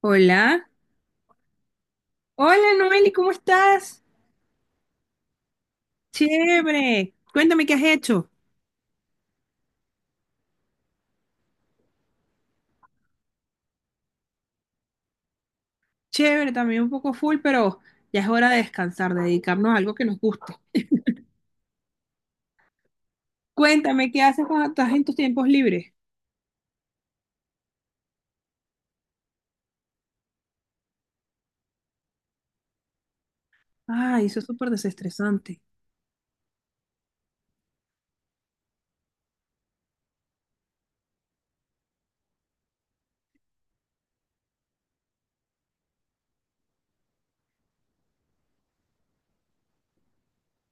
Hola. Hola, Noeli, ¿cómo estás? Chévere. Cuéntame qué has hecho. Chévere, también un poco full, pero ya es hora de descansar, de dedicarnos a algo que nos guste. Cuéntame qué haces cuando estás en tus tiempos libres. Ay, eso es súper desestresante.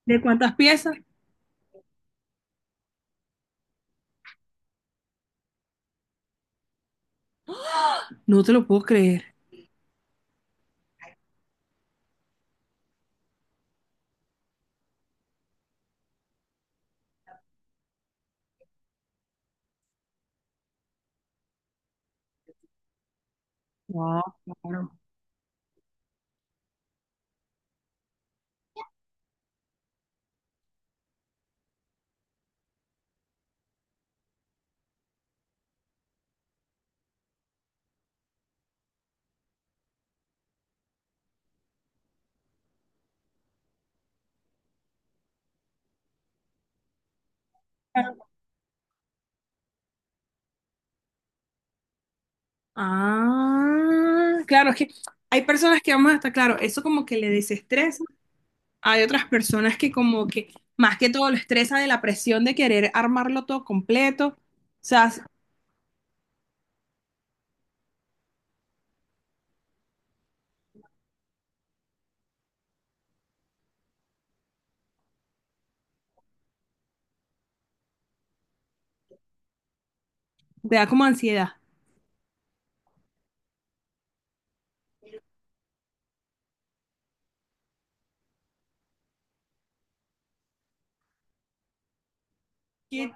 ¿De cuántas piezas? No te lo puedo creer. No, claro. Ah, claro, es que hay personas que vamos hasta claro, eso como que le desestresa. Hay otras personas que como que más que todo lo estresa de la presión de querer armarlo todo completo, o sea, te da como ansiedad. Que-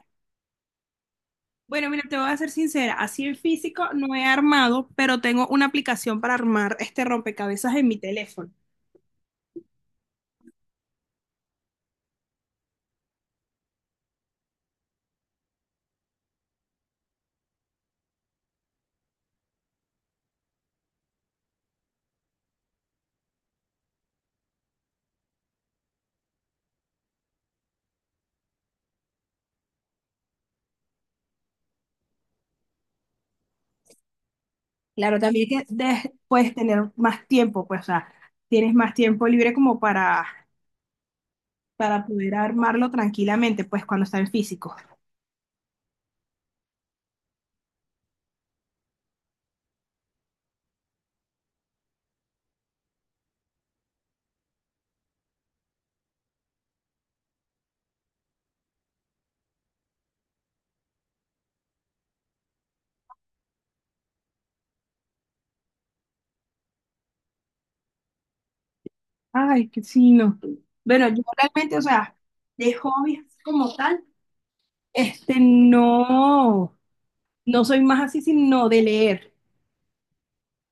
Bueno, mira, te voy a ser sincera, así en físico no he armado, pero tengo una aplicación para armar este rompecabezas en mi teléfono. Claro, también que puedes tener más tiempo, pues, o sea, tienes más tiempo libre como para poder armarlo tranquilamente, pues, cuando está en físico. Ay, que sí, no. Bueno, yo realmente, o sea, de hobbies como tal, no, no soy más así, sino de leer.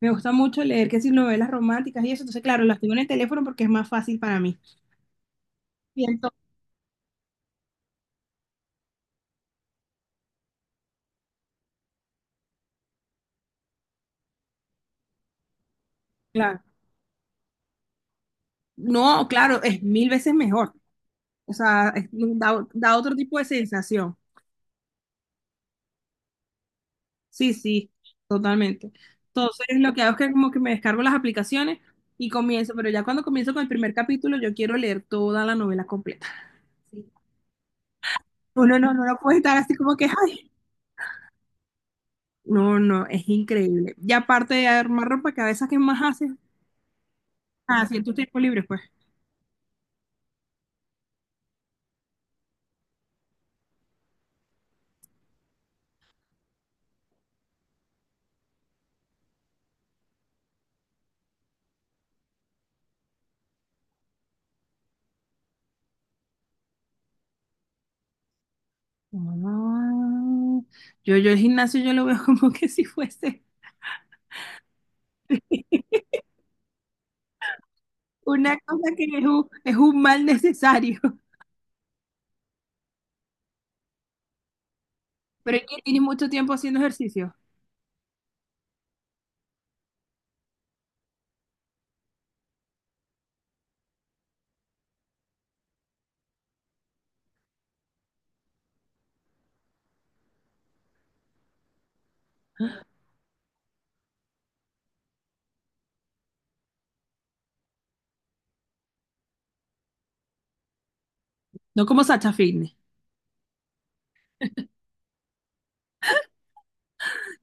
Me gusta mucho leer, que si novelas románticas y eso, entonces, claro, las tengo en el teléfono porque es más fácil para mí. Y entonces, claro. No, claro, es mil veces mejor. O sea, da, da otro tipo de sensación. Sí, sí, totalmente. Entonces, lo que hago es que como que me descargo las aplicaciones y comienzo, pero ya cuando comienzo con el primer capítulo, yo quiero leer toda la novela completa. Uno no puede estar así como que, ay, no, no, es increíble. Y aparte de armar ropa que a veces ¿qué más haces? Así en tu tiempo libre, pues. Ah, yo el gimnasio yo lo veo como que si fuese una cosa que es es un mal necesario. Pero es que tienes mucho tiempo haciendo ejercicio. No como Sacha Fitness.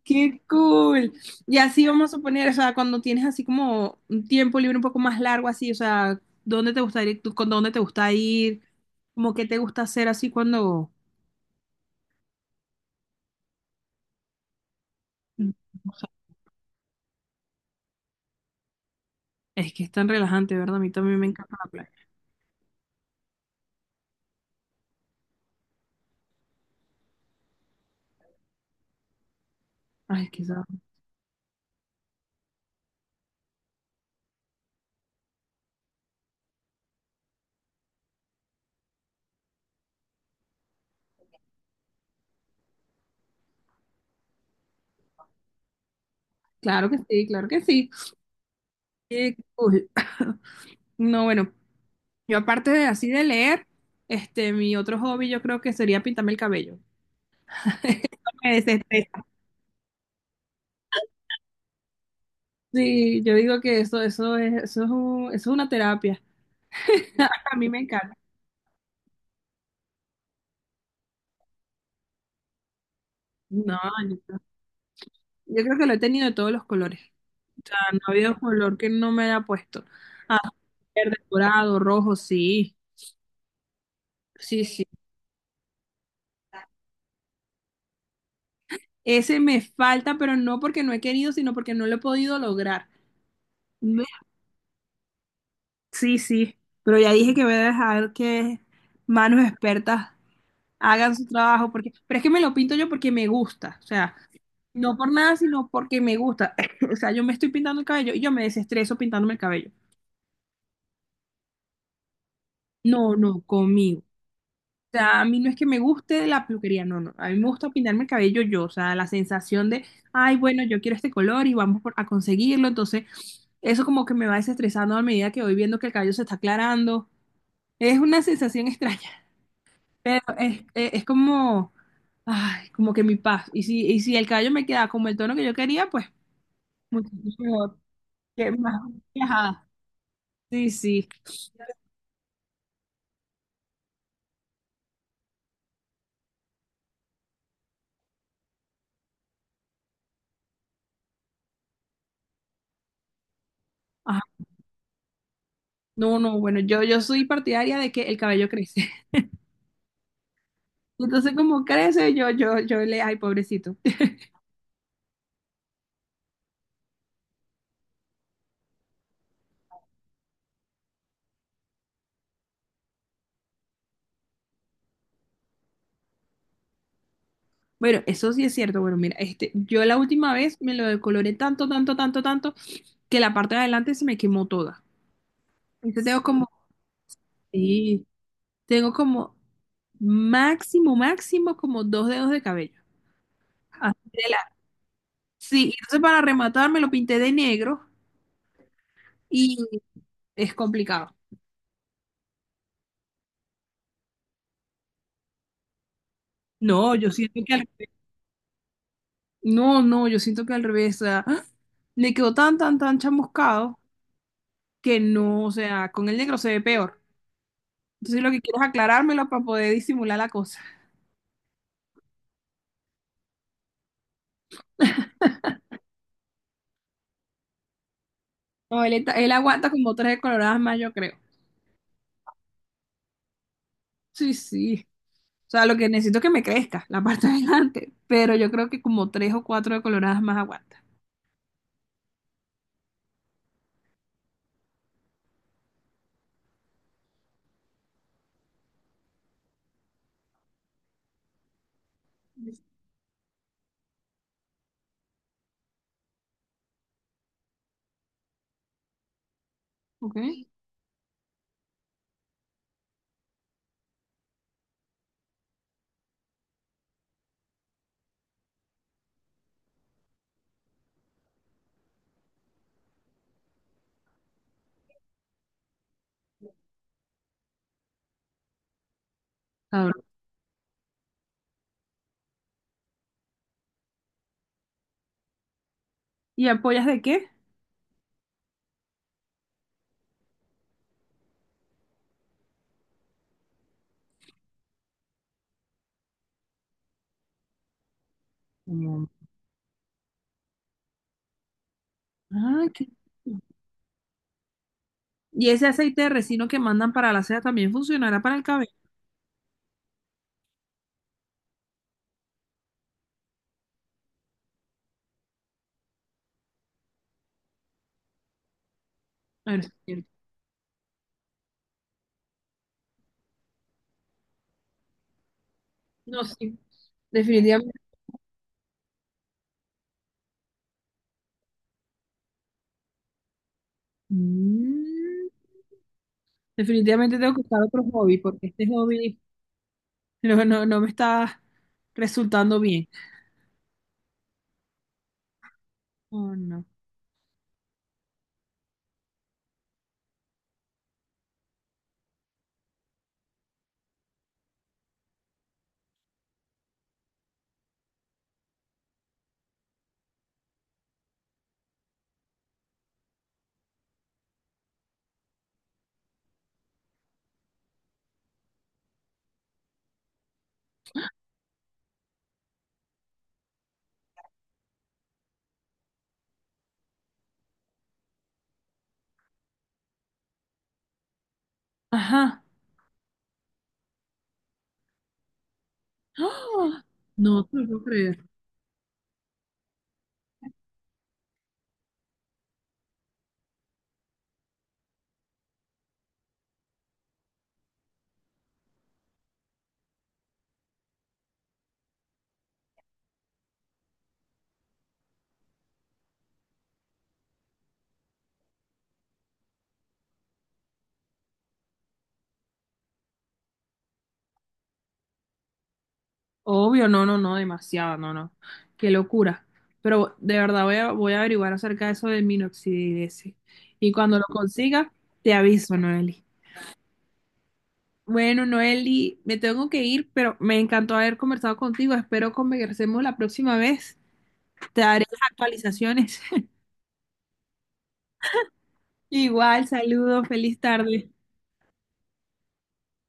¡Qué cool! Y así vamos a suponer, o sea, cuando tienes así como un tiempo libre un poco más largo, así, o sea, ¿dónde te gusta ir? ¿Tú con dónde te gusta ir? ¿Cómo que te gusta hacer así cuando... Mm, o sea, es que es tan relajante, ¿verdad? A mí también me encanta la playa. Ay, quizás. Claro que sí, claro que sí. Qué cool. No, bueno, yo aparte de así de leer, mi otro hobby yo creo que sería pintarme el cabello. Eso me desestresa. Sí, yo digo que eso es eso es una terapia. A mí me encanta. No, yo creo, yo creo que lo he tenido de todos los colores. Ah, no ha habido color que no me haya puesto. Verde, dorado, rojo, sí. Sí, sí. Ese me falta, pero no porque no he querido, sino porque no lo he podido lograr. Me- Sí, sí, pero ya dije que voy a dejar que manos expertas hagan su trabajo, porque, pero es que me lo pinto yo porque me gusta, o sea, no por nada, sino porque me gusta. O sea, yo me estoy pintando el cabello y yo me desestreso pintándome el cabello. No, no, conmigo. O sea, a mí no es que me guste la peluquería, no, no. A mí me gusta pintarme el cabello yo, o sea, la sensación de, ay, bueno, yo quiero este color y a conseguirlo. Entonces, eso como que me va desestresando a medida que voy viendo que el cabello se está aclarando. Es una sensación extraña, pero es como, ay, como que mi paz. Y y si el cabello me queda como el tono que yo quería, pues mucho mejor, que más relajada. Sí, sí. Ah, no, no, bueno, yo soy partidaria de que el cabello crece. Entonces, como crece, yo le, ay, pobrecito. Bueno, eso sí es cierto. Bueno, mira, yo la última vez me lo decoloré tanto, que la parte de adelante se me quemó toda. Entonces tengo como, sí, tengo como máximo, máximo, como dos dedos de cabello. Así de la- sí, y entonces para rematar me lo pinté de negro y es complicado. No, yo siento que al revés. No, no, yo siento que al revés. O sea, ¡ah! Me quedó tan chamuscado que no, o sea, con el negro se ve peor. Entonces lo que quiero es aclarármelo para poder disimular la cosa. No, él, él aguanta como tres coloradas más, yo creo. Sí, sí. O sea, lo que necesito es que me crezca la parte de adelante, pero yo creo que como tres o cuatro de coloradas más aguanta. ¿Ok? Ahora, ¿y apoyas de qué? Mm. Ah, qué... ¿Y ese aceite de resino que mandan para la seda también funcionará para el cabello? A ver, si- No, sí. Definitivamente. Mm, definitivamente tengo que buscar otro hobby, porque este hobby no, no, no me está resultando bien. Oh, no. Ajá. ¡Ah! No te lo puedo creer. Obvio, no, no, no, demasiado, no, no. Qué locura. Pero de verdad voy a averiguar acerca de eso del minoxidilese. Y cuando lo consiga, te aviso, Noeli. Bueno, Noeli, me tengo que ir, pero me encantó haber conversado contigo. Espero conversemos la próxima vez. Te daré las actualizaciones. Igual, saludos, feliz tarde.